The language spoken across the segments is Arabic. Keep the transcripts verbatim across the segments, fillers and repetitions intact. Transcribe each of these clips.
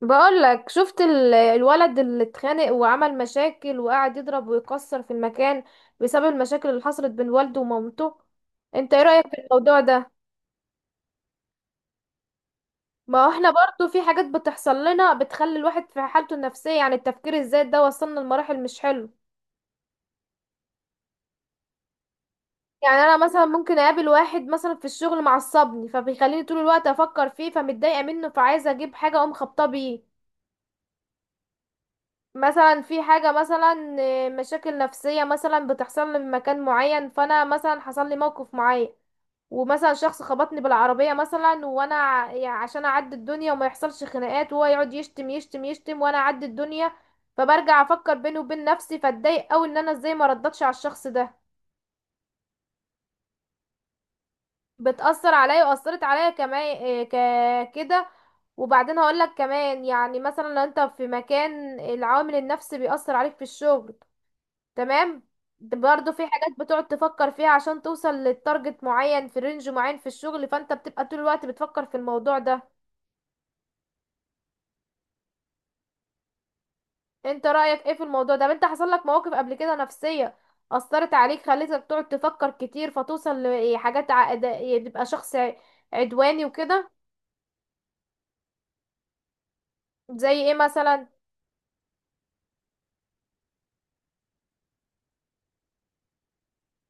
بقول لك شفت ال- الولد اللي اتخانق وعمل مشاكل وقعد يضرب ويكسر في المكان بسبب المشاكل اللي حصلت بين والده ومامته. انت ايه رأيك في الموضوع ده؟ ما هو احنا برضو في حاجات بتحصل لنا بتخلي الواحد في حالته النفسية، يعني التفكير الزايد ده وصلنا لمراحل مش حلو. يعني انا مثلا ممكن اقابل واحد مثلا في الشغل معصبني، فبيخليني طول الوقت افكر فيه، فمتضايقة منه، فعايزة اجيب حاجة اقوم خبطاه بيه. مثلا في حاجة مثلا آه، مشاكل نفسية مثلا بتحصل لي من مكان معين، فانا مثلا حصل لي موقف معين. ومثلا شخص خبطني بالعربية مثلا، وانا ع- يعني عشان اعدي الدنيا وما يحصلش خناقات، وهو يقعد يشتم يشتم يشتم وانا اعدي الدنيا. فبرجع افكر بيني وبين نفسي، فاتضايق اوي ان انا ازاي ما ردتش على الشخص ده. بتأثر عليا واثرت عليا كمان، آه، ك- كده. وبعدين هقولك كمان، يعني مثلا لو انت في مكان العامل النفسي بيأثر عليك في الشغل، تمام. برضه في حاجات بتقعد تفكر فيها عشان توصل للتارجت معين في رينج معين في الشغل، فانت بتبقى طول الوقت بتفكر في الموضوع ده. انت رأيك ايه في الموضوع ده؟ طب انت حصل لك مواقف قبل كده نفسية أثرت عليك، خليتك تقعد تفكر كتير فتوصل لحاجات عقد... تبقى شخص ع- عدواني وكده. زي ايه مثلا؟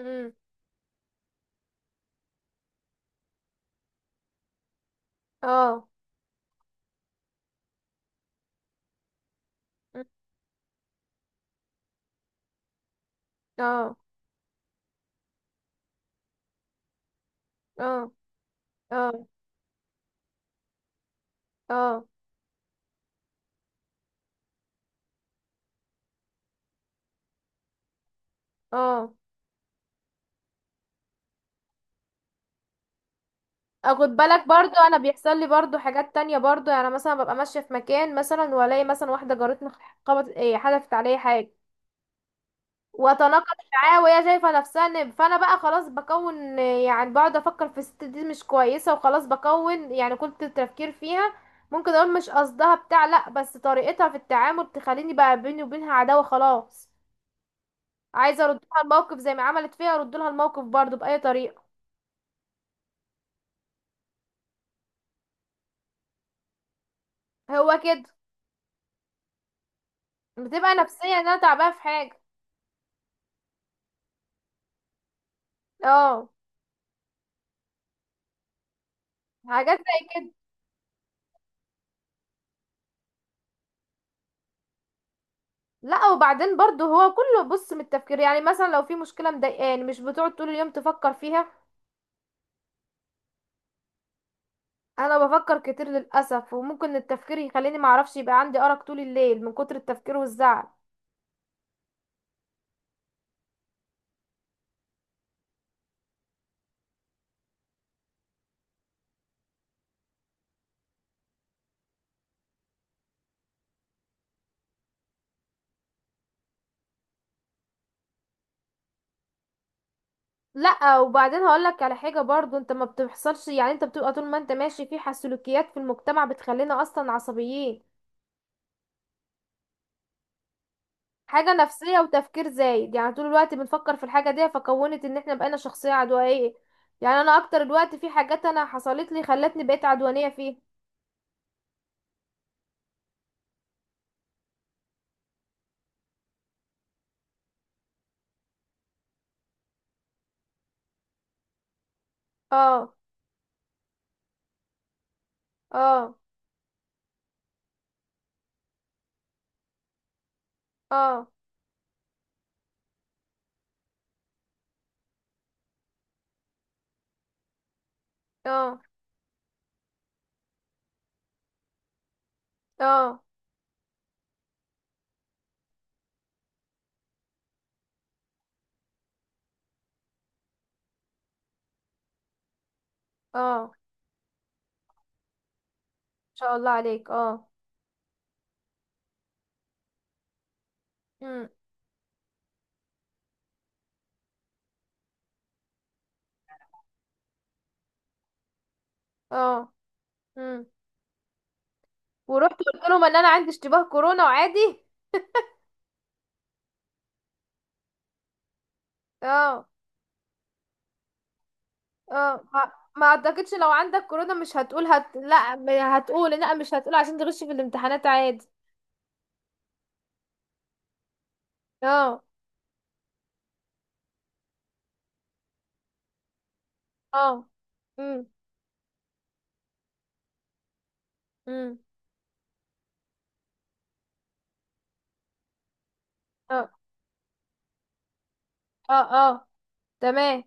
امم. اه. مم. اه. اه. اه. اه. اه. اخد بالك برضو انا بيحصل لي برضو حاجات تانية برضو، يعني مثلا ببقى ماشية في مكان مثلا، والاقي مثلا واحدة جارتني خبط، ايه حدفت عليا حاجة، واتناقض معاها، وهي شايفة نفسها إن- فانا بقى خلاص بكون، يعني بقعد افكر في الست دي مش كويسة، وخلاص بكون يعني كنت التفكير فيها. ممكن اقول مش قصدها بتاع، لا بس طريقتها في التعامل تخليني بقى بيني وبينها عداوة خلاص. عايزة اردلها الموقف زي ما عملت فيها اردلها الموقف برضو بأي طريقة. هو كده. بتبقى نفسيا ان انا تعبانة في حاجة. اه. حاجات زي كده. لا وبعدين برضو هو كله بص من التفكير، يعني مثلا لو في مشكلة مضايقاني مش بتقعد طول اليوم تفكر فيها. انا بفكر كتير للأسف، وممكن التفكير يخليني معرفش، يبقى عندي أرق طول الليل من كتر التفكير والزعل. لا وبعدين هقولك على حاجة برضو انت ما بتحصلش، يعني انت بتبقى طول ما انت ماشي في سلوكيات في المجتمع بتخلينا اصلا عصبيين. حاجة نفسية وتفكير زايد، يعني طول الوقت بنفكر في الحاجة دي، فكونت ان احنا بقينا شخصية عدوانية. يعني انا اكتر الوقت في حاجات انا حصلت لي خلتني بقيت عدوانية فيها. اه. اه. اه. اه. اه. اه. ان شاء الله عليك. اه. امم. اه. امم. ورحت قلت لهم ان انا عندي اشتباه كورونا وعادي. اه. اه. ما ما اعتقدش لو عندك كورونا مش هتقول هت... لا ما هتقول، لا مش هتقول عشان تغش في الامتحانات عادي. اه. اه. امم. امم. اه. اه. اه. تمام.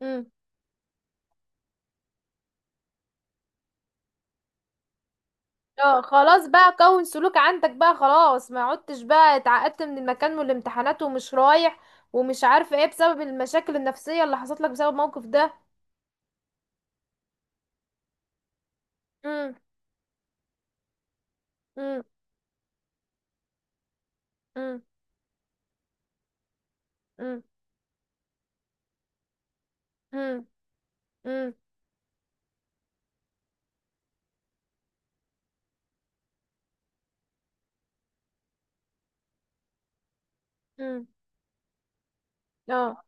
امم. اه خلاص بقى كون سلوك عندك بقى خلاص، ما عدتش بقى اتعقدت من المكان والامتحانات، ومش رايح ومش عارفه ايه بسبب المشاكل النفسيه اللي حصلت لك بسبب الموقف ده. امم. امم. امم. امم. امم. امم. امم. اه.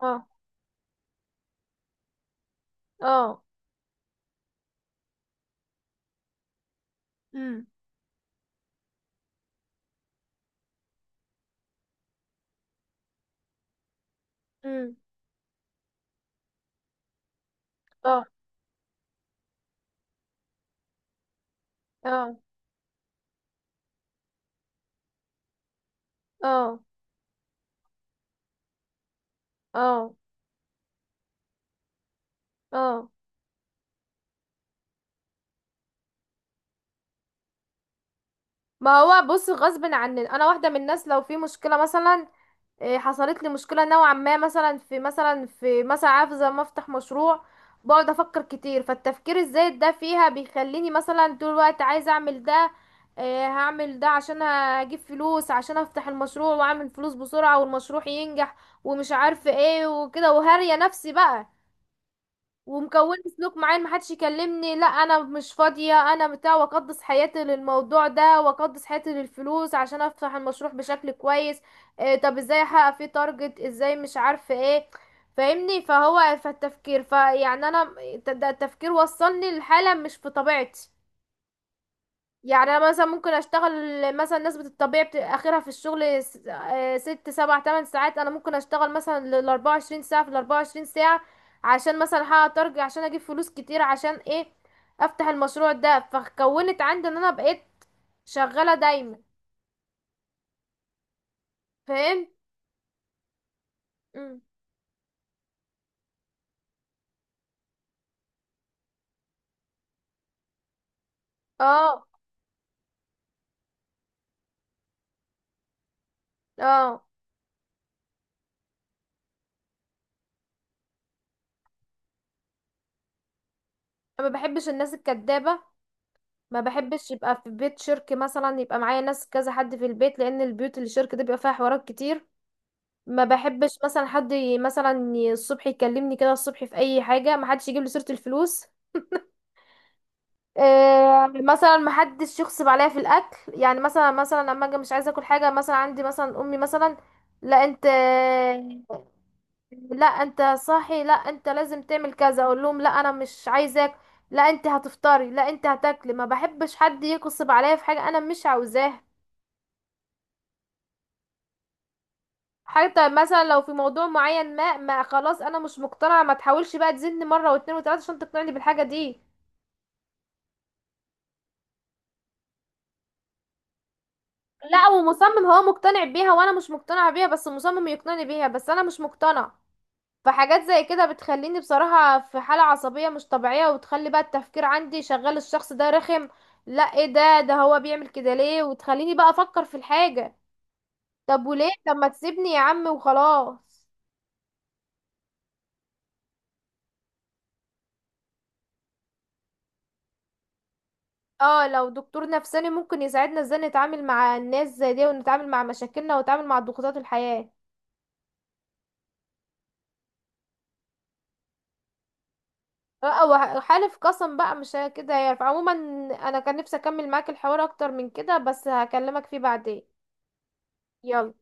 اه. اه. امم. امم. اه. اه. اه. اه. اه. ما هو بص غصب عني انا واحده من الناس لو في مشكله مثلا، إيه، حصلت لي مشكلة نوعا ما مثلا في مثلا في مثلا عارفة زي ما افتح مشروع، بقعد افكر كتير، فالتفكير الزايد ده فيها بيخليني مثلا طول الوقت عايزة اعمل ده. إيه، هعمل ده عشان اجيب فلوس عشان افتح المشروع واعمل فلوس بسرعة والمشروع ينجح، ومش عارفة ايه وكده وهرية نفسي بقى. ومكون سلوك معين، محدش يكلمني، لا انا مش فاضية انا بتاع، واقدس حياتي للموضوع ده واقدس حياتي للفلوس عشان افتح المشروع بشكل كويس. إيه طب ازاي احقق فيه تارجت ازاي مش عارفة ايه. فاهمني، فهو فالتفكير فيعني انا، ده التفكير وصلني لحالة مش في طبيعتي. يعني انا مثلا ممكن اشتغل مثلا نسبة الطبيعي بت- اخرها في الشغل س- آه، ست سبع تمن ساعات، انا ممكن اشتغل مثلا لل أربعة وعشرين ساعة في ال أربعة وعشرين ساعة، عشان مثلا احقق تارجت، عشان اجيب فلوس كتير، عشان ايه، افتح المشروع ده. فكونت عندي ان انا بقيت شغالة دايما. فاهم. مم. اه. اه. ما بحبش الناس الكدابة. ما بحبش يبقى في بيت شركة مثلا يبقى معايا ناس كذا حد في البيت، لان البيوت اللي شركة دي بيبقى فيها حوارات كتير. ما بحبش مثلا حد ي- مثلا ي- الصبح يكلمني كده الصبح في اي حاجه، ما حدش يجيب لي سيره الفلوس. آه، مثلا ما حدش يغصب عليا في الاكل، يعني مثلا مثلا لما اجي مش عايزه اكل حاجه، مثلا عندي مثلا امي مثلا، لا انت لا انت صاحي، لا انت لازم تعمل كذا، اقول لهم لا انا مش عايزاك، لا انت هتفطري، لا انت هتاكلي. ما بحبش حد يغصب عليا في حاجه انا مش عاوزاها. حتى مثلا لو في موضوع معين، ما ما خلاص انا مش مقتنعه، ما تحاولش بقى تزني مره واتنين وتلاته عشان تقنعني بالحاجه دي. لا ومصمم، هو مقتنع بيها وانا مش مقتنعه بيها بس مصمم يقنعني بيها بس انا مش مقتنع. فحاجات زي كده بتخليني بصراحه في حاله عصبيه مش طبيعيه، وتخلي بقى التفكير عندي شغال، الشخص ده رخم. لا ايه ده، ده هو بيعمل كده ليه، وتخليني بقى افكر في الحاجه. طب وليه، طب ما تسيبني يا عم وخلاص. اه لو دكتور نفساني ممكن يساعدنا ازاي نتعامل مع الناس زي دي، ونتعامل مع مشاكلنا، ونتعامل مع ضغوطات الحياة. لا وحالف قسم بقى مش كده هيعرف عموما. انا كان نفسي اكمل معاك الحوار اكتر من كده، بس هكلمك فيه بعدين. يلا.